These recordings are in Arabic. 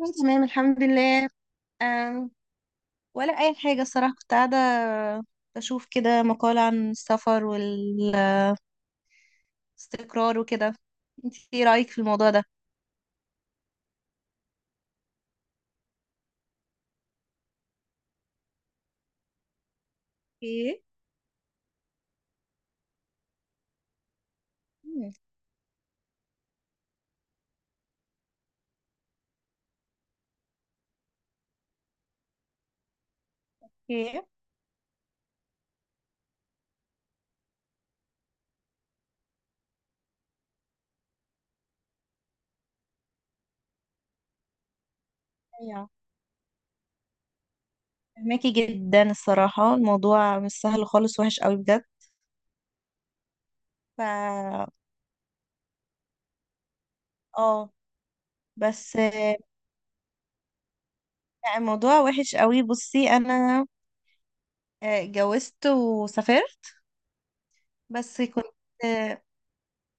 أنا تمام الحمد لله. أم، ولا أي حاجة الصراحة، كنت قاعدة بشوف كده مقال عن السفر والاستقرار وكده. انت ايه رأيك في الموضوع ده؟ ايه؟ مم. ايه. ايوه، فهماكي جدا الصراحة. الموضوع مش سهل خالص، وحش قوي بجد. ف اه بس آه، لا، الموضوع وحش قوي. بصي أنا اتجوزت وسافرت. بس كنت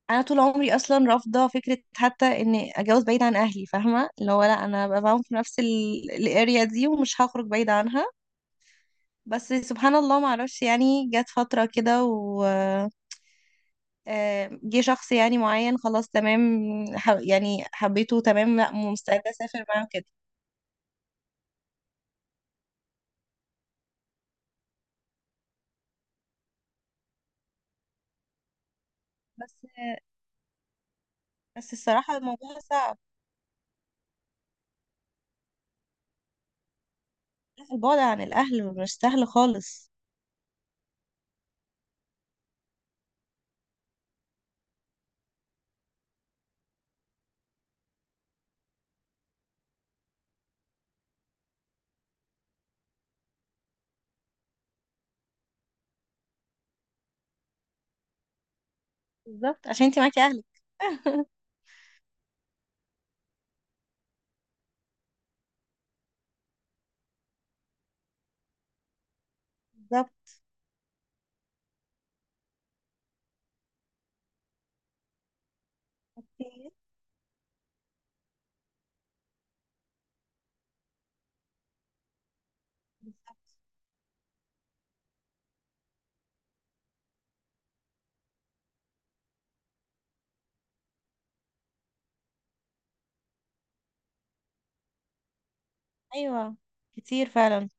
انا طول عمري اصلا رافضه فكره حتى ان اتجوز بعيد عن اهلي، فاهمه؟ اللي هو لا، انا ببقى معاهم في نفس الاريا دي ومش هخرج بعيد عنها. بس سبحان الله، ما اعرفش يعني، جت فتره كده و آه، جه شخص يعني معين، خلاص تمام، يعني حبيته تمام، لا مستعده اسافر معاه كده. بس بس الصراحه الموضوع صعب. البعد عن الاهل مش سهل خالص. بالظبط، عشان انت معاكي اهلك. بالظبط. بالظبط. ايوه، كتير فعلا.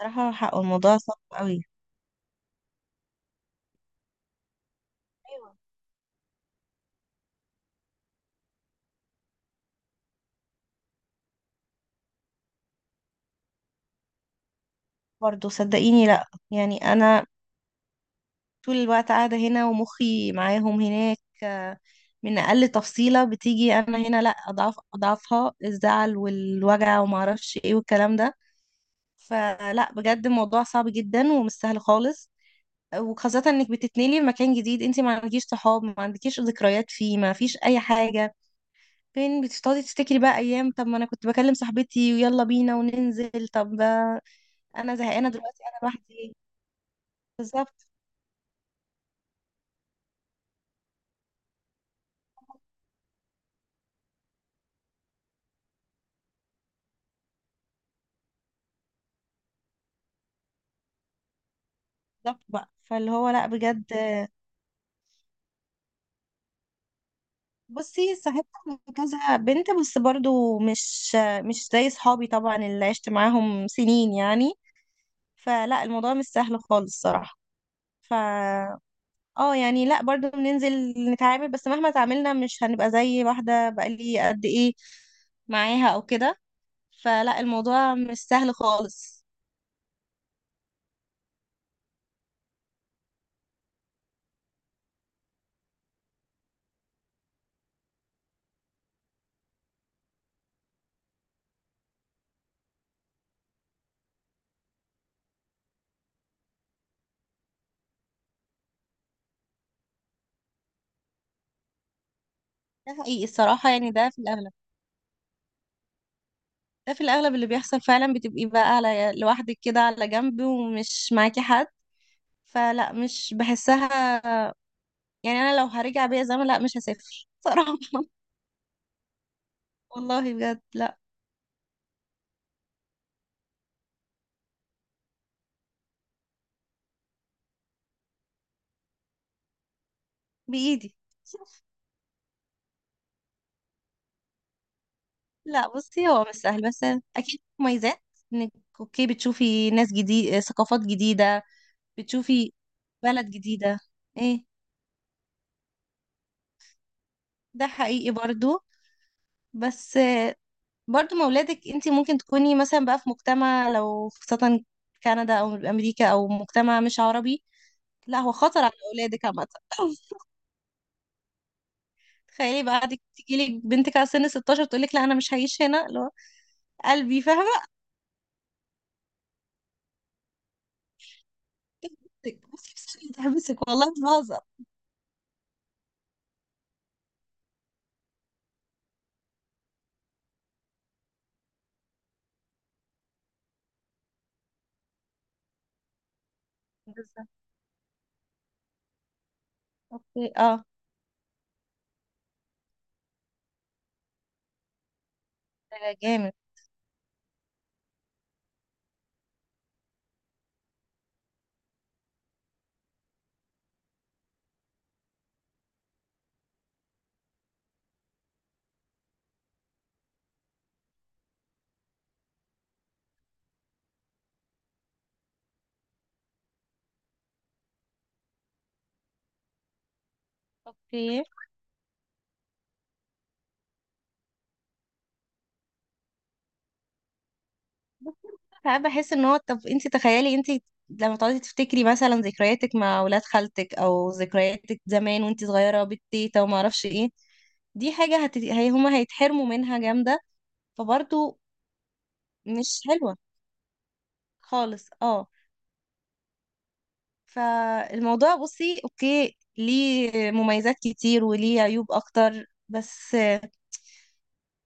صراحة حق، الموضوع صعب قوي. ايوه، برضه صدقيني، لا يعني انا طول الوقت قاعدة هنا ومخي معاهم هناك. آه، من اقل تفصيلة بتيجي انا هنا، لا اضعف اضعفها، الزعل والوجع وما اعرفش ايه والكلام ده. فلا بجد الموضوع صعب جدا ومش سهل خالص. وخاصة انك بتتنقلي لمكان جديد، انت ما عندكيش صحاب، ما عندكيش ذكريات فيه، ما فيش اي حاجة. فين بتقعدي تفتكري بقى ايام؟ طب ما انا كنت بكلم صاحبتي ويلا بينا وننزل. طب انا زهقانه دلوقتي، انا لوحدي. بالظبط. بالظبط بقى، فاللي هو لا بجد. بصي، صاحبت على كذا بنت، بس برضو مش زي صحابي طبعا اللي عشت معاهم سنين يعني. فلا الموضوع مش سهل خالص صراحه. ف اه يعني لا، برضو بننزل نتعامل، بس مهما تعاملنا مش هنبقى زي واحده بقالي قد ايه معاها او كده. فلا الموضوع مش سهل خالص. ده حقيقي الصراحه، يعني ده في الاغلب. ده في الأغلب اللي بيحصل فعلا، بتبقي بقى على لوحدك كده على جنب ومش معاكي حد. فلا مش بحسها. يعني أنا لو هرجع بيا زمن، لا مش هسافر صراحة. والله بجد لا. بإيدي. لا بصي، هو مش سهل، بس أكيد مميزات إنك أوكي بتشوفي ناس جديد، ثقافات جديدة، بتشوفي بلد جديدة. إيه، ده حقيقي برضو. بس برضو ما ولادك، انت ممكن تكوني مثلا بقى في مجتمع، لو خاصة كندا او امريكا او مجتمع مش عربي. لا، هو خطر على اولادك عامة. تخيلي بقى قعدت تجيلك بنتك على سن 16 تقولك لا انا مش هعيش هنا، اللي هو قلبي، فاهمة؟ بصي بس تحبسك، والله مش بهزر. بالظبط. اوكي، اه. ده جامد. اوكي. ساعات بحس ان هو طب انت تخيلي انت لما تقعدي تفتكري مثلا ذكرياتك مع ولاد خالتك، او ذكرياتك زمان وانت صغيره بالتيتا وما اعرفش ايه. دي حاجه هما هيتحرموا منها جامده. فبرضه مش حلوه خالص، اه. فالموضوع بصي اوكي، ليه مميزات كتير وليه عيوب اكتر، بس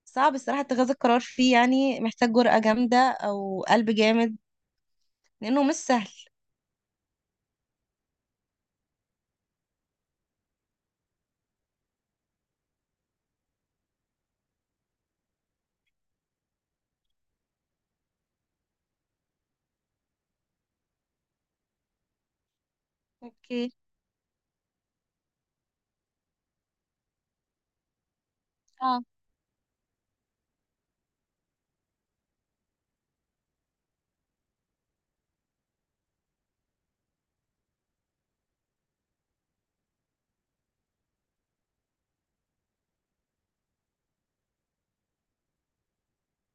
صعب الصراحه اتخاذ القرار فيه. يعني محتاج جرأة جامده او قلب جامد لانه مش سهل. اوكي، اه.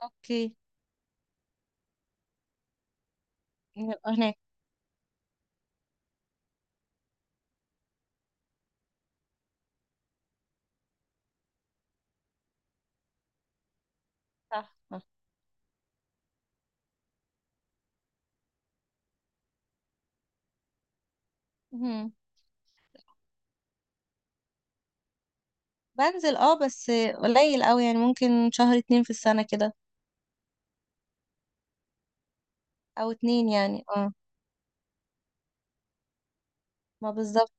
اوكي. نبقى هناك. صح صح. مهم. بنزل اه، بس قليل قوي يعني، ممكن شهر اتنين في السنة كده. او اتنين يعني، اه. ما بالظبط.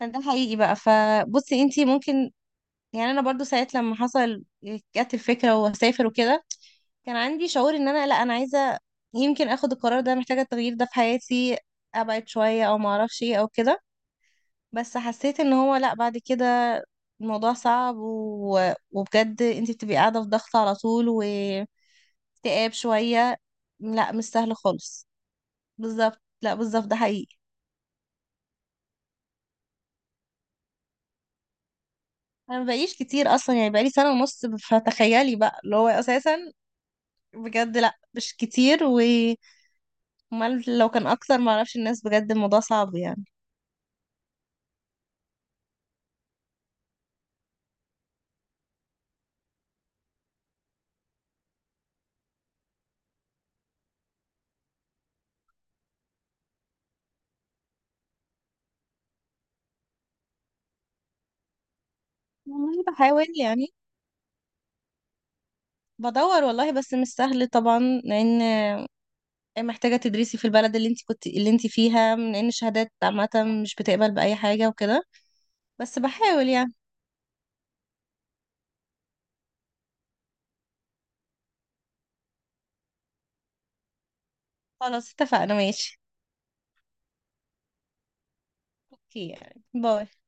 ده حقيقي بقى. فبصي انتي ممكن، يعني انا برضو ساعات لما حصل جت الفكرة واسافر وكده، كان عندي شعور ان انا لا، انا عايزة يمكن اخد القرار ده، محتاجة التغيير ده في حياتي، ابعد شوية او ما اعرفش ايه او كده. بس حسيت ان هو لا، بعد كده الموضوع صعب وبجد انتي بتبقي قاعدة في ضغط على طول و اكتئاب شوية. لا مش سهل خالص. بالظبط، لا بالظبط، ده حقيقي. انا مبقيش كتير اصلا، يعني بقالي سنة ونص، فتخيلي بقى اللي هو اساسا. بجد لا، مش كتير. و أمال لو كان اكتر، معرفش. الناس بجد الموضوع صعب يعني. والله بحاول يعني، بدور والله، بس مش سهل طبعا. لان محتاجة تدرسي في البلد اللي انت كنت اللي انت فيها، من ان الشهادات عامة مش بتقبل بأي حاجة وكده. بس بحاول يعني. خلاص اتفقنا، ماشي. اوكي، يعني باي.